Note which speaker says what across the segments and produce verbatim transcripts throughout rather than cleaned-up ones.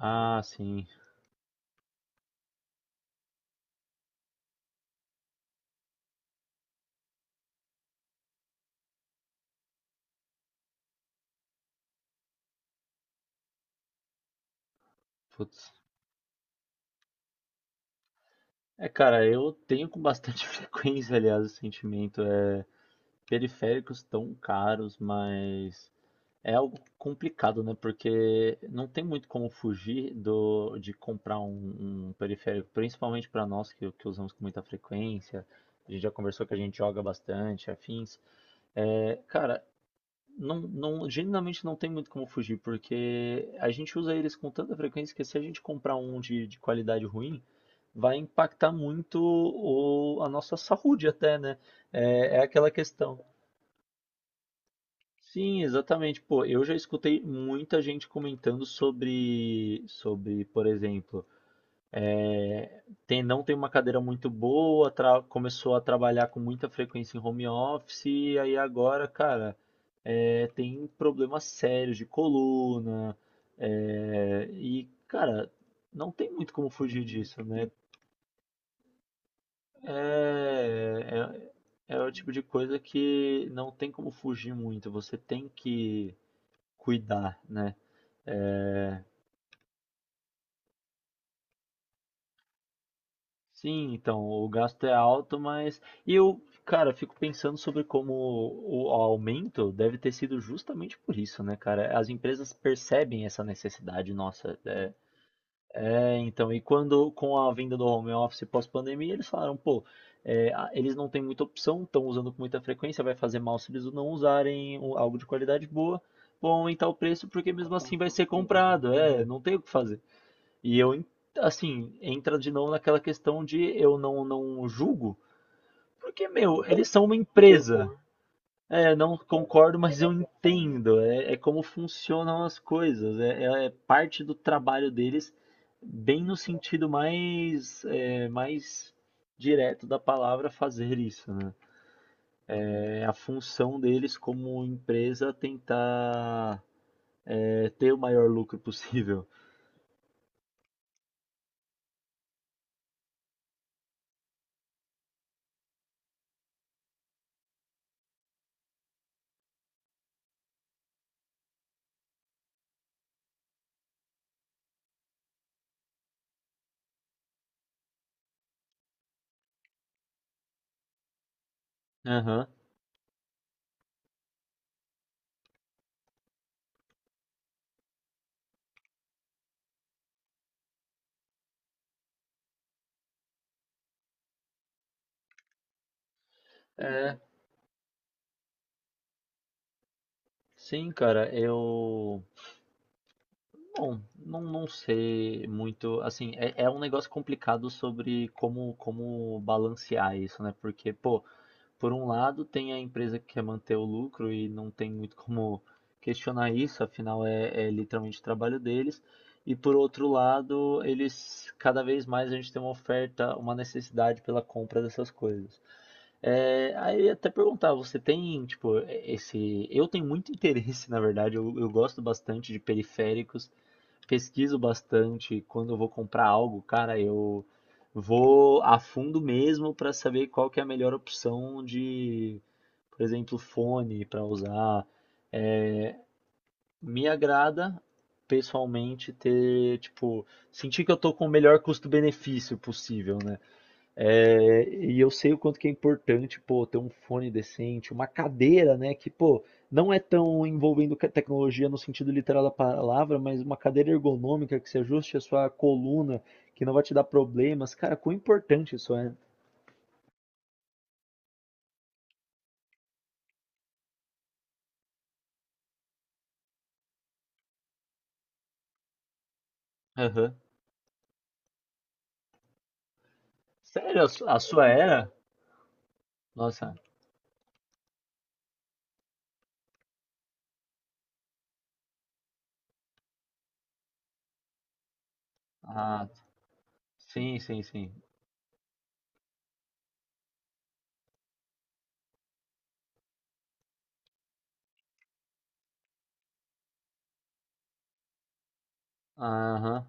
Speaker 1: Ah, sim. Putz. É, cara, eu tenho com bastante frequência, aliás, o sentimento. É, periféricos tão caros, mas é algo complicado, né? Porque não tem muito como fugir do, de comprar um, um periférico, principalmente para nós que, que usamos com muita frequência. A gente já conversou que a gente joga bastante, afins. É, cara, não, não, genuinamente não tem muito como fugir, porque a gente usa eles com tanta frequência que se a gente comprar um de, de qualidade ruim, vai impactar muito o- a nossa saúde até, né? É, é aquela questão. Sim, exatamente. Pô, eu já escutei muita gente comentando sobre, sobre, por exemplo, tem, não tem uma cadeira muito boa, tra- começou a trabalhar com muita frequência em home office, e aí agora, cara, é, tem problemas sérios de coluna, é, e, cara, não tem muito como fugir disso, né? É, é, é o tipo de coisa que não tem como fugir muito, você tem que cuidar, né? É, Sim, então, o gasto é alto, mas e eu, cara, fico pensando sobre como o o aumento deve ter sido justamente por isso, né, cara? As empresas percebem essa necessidade nossa. É, é, então, e quando com a vinda do home office pós-pandemia, eles falaram, pô, é, a- eles não têm muita opção, estão usando com muita frequência, vai fazer mal se eles não usarem o- algo de qualidade boa. Vão aumentar o preço porque mesmo assim vai ser comprado. É, não tem o que fazer. E eu, assim, entra de novo naquela questão de eu não, não julgo, porque, meu, eles são uma empresa. É, não concordo, mas eu entendo. É, é como funcionam as coisas. É, é é parte do trabalho deles, bem no sentido mais, é, mais direto da palavra fazer isso, né? É a função deles como empresa tentar é, ter o maior lucro possível. Aham. É, sim, cara, eu bom, não, não sei muito, assim, é, é um negócio complicado sobre como, como balancear isso, né? Porque, pô, por um lado tem a empresa que quer manter o lucro e não tem muito como questionar isso, afinal é, é literalmente o trabalho deles. E por outro lado, eles, cada vez mais a gente tem uma oferta, uma necessidade pela compra dessas coisas. É, aí eu ia até perguntar, você tem, tipo, esse... Eu tenho muito interesse, na verdade, eu, eu gosto bastante de periféricos, pesquiso bastante quando eu vou comprar algo, cara, eu vou a fundo mesmo para saber qual que é a melhor opção de, por exemplo, fone para usar. É, me agrada pessoalmente ter, tipo, sentir que eu tô com o melhor custo-benefício possível, né? É, e eu sei o quanto que é importante, pô, ter um fone decente, uma cadeira, né, que, pô, não é tão envolvendo ca- tecnologia no sentido literal da palavra, mas uma cadeira ergonômica que se ajuste à sua coluna, que não vai te dar problemas. Cara, quão importante isso é. Aham. Sério, a su- a sua era? Nossa. Ah, sim, sim, sim. Aham.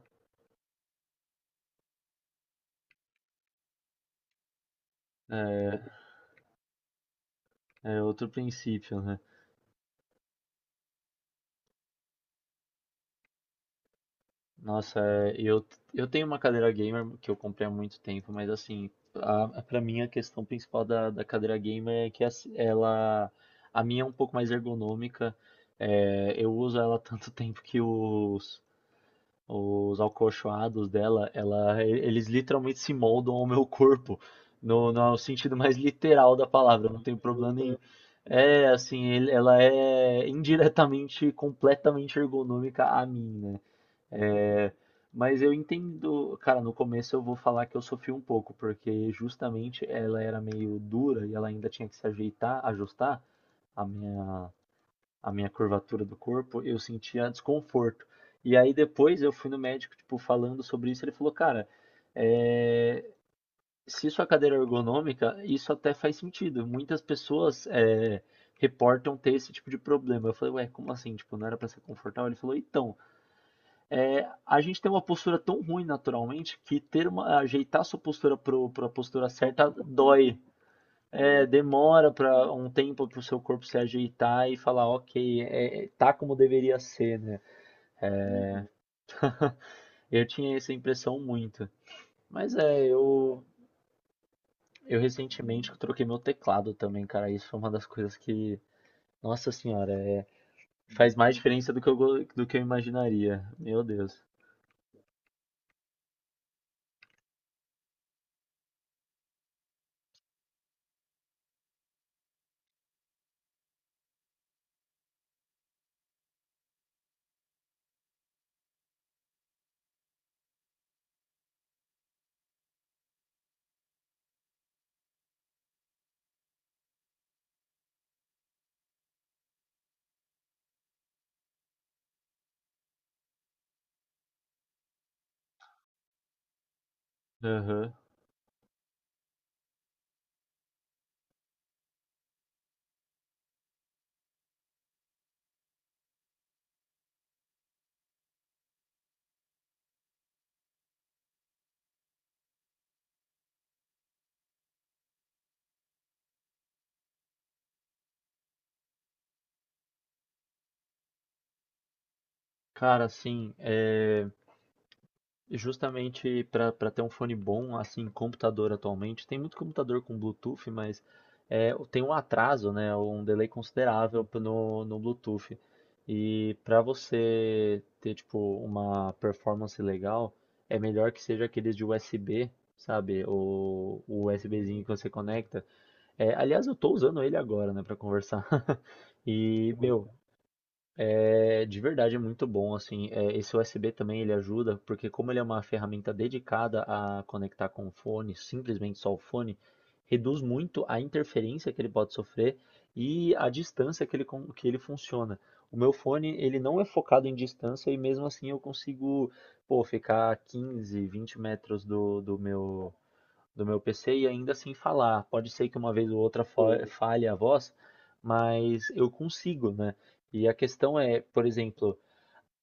Speaker 1: É, é outro princípio, né? Nossa, é, eu, eu tenho uma cadeira gamer que eu comprei há muito tempo, mas assim, a, a- pra mim a questão principal da, da cadeira gamer é que as- ela, a minha é um pouco mais ergonômica, é, eu uso ela há tanto tempo que os, os acolchoados dela, ela, e- eles literalmente se moldam ao meu corpo, no, no sentido mais literal da palavra, eu não tenho problema nenhum. É, assim, ele- ela é indiretamente, completamente ergonômica a mim, né? É, mas eu entendo, cara, no começo eu vou falar que eu sofri um pouco, porque justamente ela era meio dura e ela ainda tinha que se ajeitar, ajustar a minha, a minha curvatura do corpo, eu sentia desconforto. E aí depois eu fui no médico, tipo, falando sobre isso, ele falou, cara, é, se sua cadeira é ergonômica, isso até faz sentido. Muitas pessoas é, reportam ter esse tipo de problema. Eu falei, ué, como assim? Tipo, não era pra ser confortável? Ele falou, então. É, a gente tem uma postura tão ruim naturalmente que ter uma, ajeitar sua postura para a postura certa dói. É, demora para um tempo para o seu corpo se ajeitar e falar, ok, é, tá como deveria ser, né? Eu tinha essa impressão muito. Mas é, eu, eu recentemente troquei meu teclado também, cara. Isso foi uma das coisas que, nossa senhora, é, faz mais diferença do que eu, go- do que eu imaginaria. Meu Deus. Aham. Cara, assim, é. E justamente para ter um fone bom, assim, computador atualmente, tem muito computador com Bluetooth, mas é, tem um atraso, né, um delay considerável pro- no, no Bluetooth. E para você ter, tipo, uma performance legal, é melhor que seja aqueles de U S B, sabe? O, o USBzinho que você conecta. É, aliás, eu tô usando ele agora, né, para conversar. E, meu, é, de verdade é muito bom, assim, é, esse U S B também ele ajuda, porque como ele é uma ferramenta dedicada a conectar com o fone, simplesmente só o fone, reduz muito a interferência que ele pode sofrer e a distância que ele, con- que ele funciona. O meu fone, ele não é focado em distância e mesmo assim eu consigo, pô, ficar quinze vinte metros do, do meu, do meu P C e ainda assim falar. Pode ser que uma vez ou outra fa- falhe a voz, mas eu consigo, né? E a questão é, por exemplo,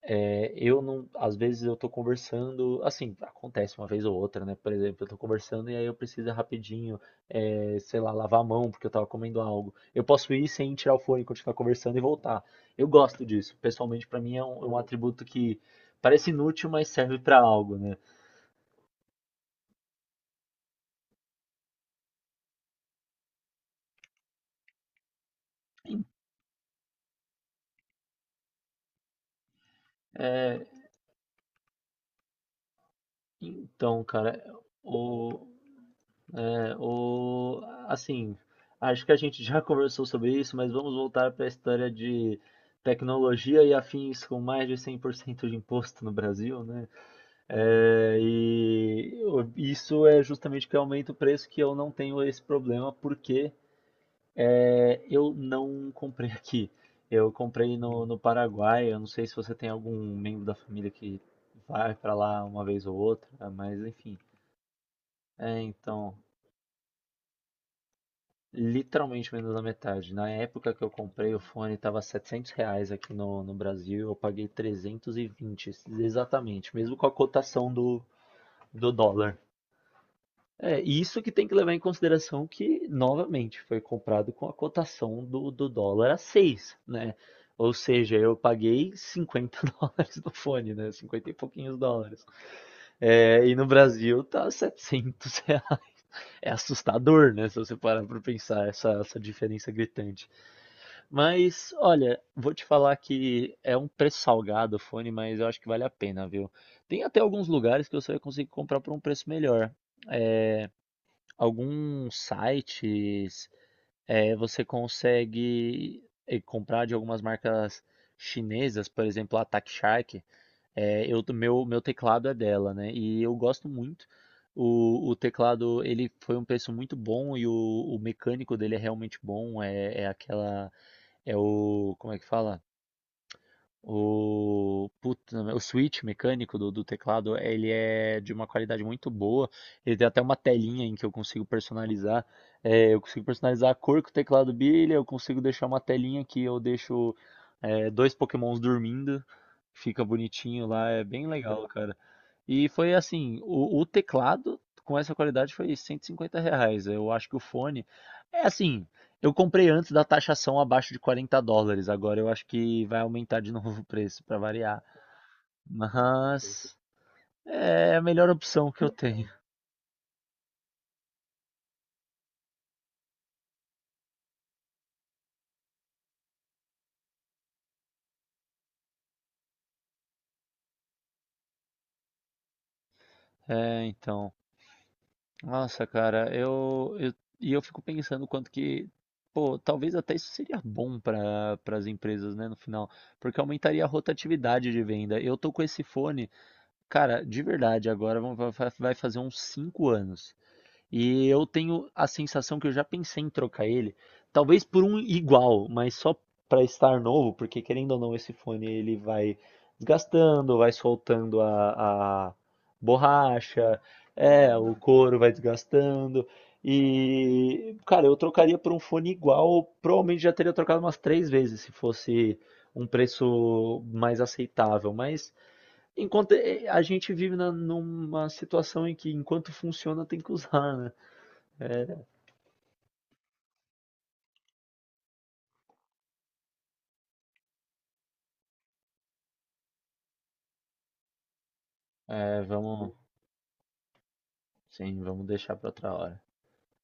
Speaker 1: é, eu não, às vezes eu tô conversando, assim, acontece uma vez ou outra, né? Por exemplo, eu tô conversando e aí eu preciso rapidinho, é, sei lá, lavar a mão porque eu tava comendo algo. Eu posso ir sem tirar o fone, continuar conversando e voltar. Eu gosto disso. Pessoalmente, pra mim é um, é um atributo que parece inútil, mas serve pra algo, né? É, então, cara, o, O, assim, acho que a gente já conversou sobre isso, mas vamos voltar para a história de tecnologia e afins com mais de cem por cento de imposto no Brasil, né? É, e o- isso é justamente o que aumenta o preço que eu não tenho esse problema porque é, eu não comprei aqui. Eu comprei no, no Paraguai. Eu não sei se você tem algum membro da família que vai para lá uma vez ou outra, mas enfim. É, então. Literalmente menos da metade. Na época que eu comprei o fone, estava setecentos reais aqui no, no Brasil. Eu paguei trezentos e vinte, exatamente, mesmo com a cotação do, do dólar. É, e isso que tem que levar em consideração que, novamente, foi comprado com a cotação do, do dólar a seis, né? Ou seja, eu paguei cinquenta dólares no fone, né? Cinquenta e pouquinhos dólares. É, e no Brasil tá setecentos reais. É assustador, né? Se você parar para pensar essa, essa diferença gritante. Mas olha, vou te falar que é um preço salgado o fone, mas eu acho que vale a pena, viu? Tem até alguns lugares que você vai conseguir comprar por um preço melhor. É, alguns sites, é, você consegue eh, comprar de algumas marcas chinesas, por exemplo, a Attack Shark. É, eu, meu, meu teclado é dela, né? E eu gosto muito. O, o teclado, ele foi um preço muito bom e o, o mecânico dele é realmente bom. É, é aquela é o, como é que fala? O, puta, o switch mecânico do, do teclado, ele é de uma qualidade muito boa. Ele tem até uma telinha em que eu consigo personalizar. É, eu consigo personalizar a cor que o teclado brilha, eu consigo deixar uma telinha que eu deixo é, dois Pokémons dormindo. Fica bonitinho lá, é bem legal, cara. E foi assim, o, o teclado com essa qualidade foi cento e cinquenta reais. Eu acho que o fone é assim, eu comprei antes da taxação abaixo de quarenta dólares. Agora eu acho que vai aumentar de novo o preço para variar. Mas é a melhor opção que eu tenho. É, então. Nossa, cara, eu, eu e eu fico pensando quanto que, pô, talvez até isso seria bom para para as empresas, né, no final, porque aumentaria a rotatividade de venda. Eu tô com esse fone, cara, de verdade, agora vão- vai vai fazer uns cinco anos. E eu tenho a sensação que eu já pensei em trocar ele, talvez por um igual, mas só para estar novo, porque querendo ou não, esse fone ele vai desgastando, vai soltando a, a borracha, é, o couro vai desgastando. E, cara, eu trocaria por um fone igual, provavelmente já teria trocado umas três vezes se fosse um preço mais aceitável, mas enquanto eh, a gente vive na- numa situação em que enquanto funciona tem que usar, né? É, vamos, sim, vamos deixar para outra hora.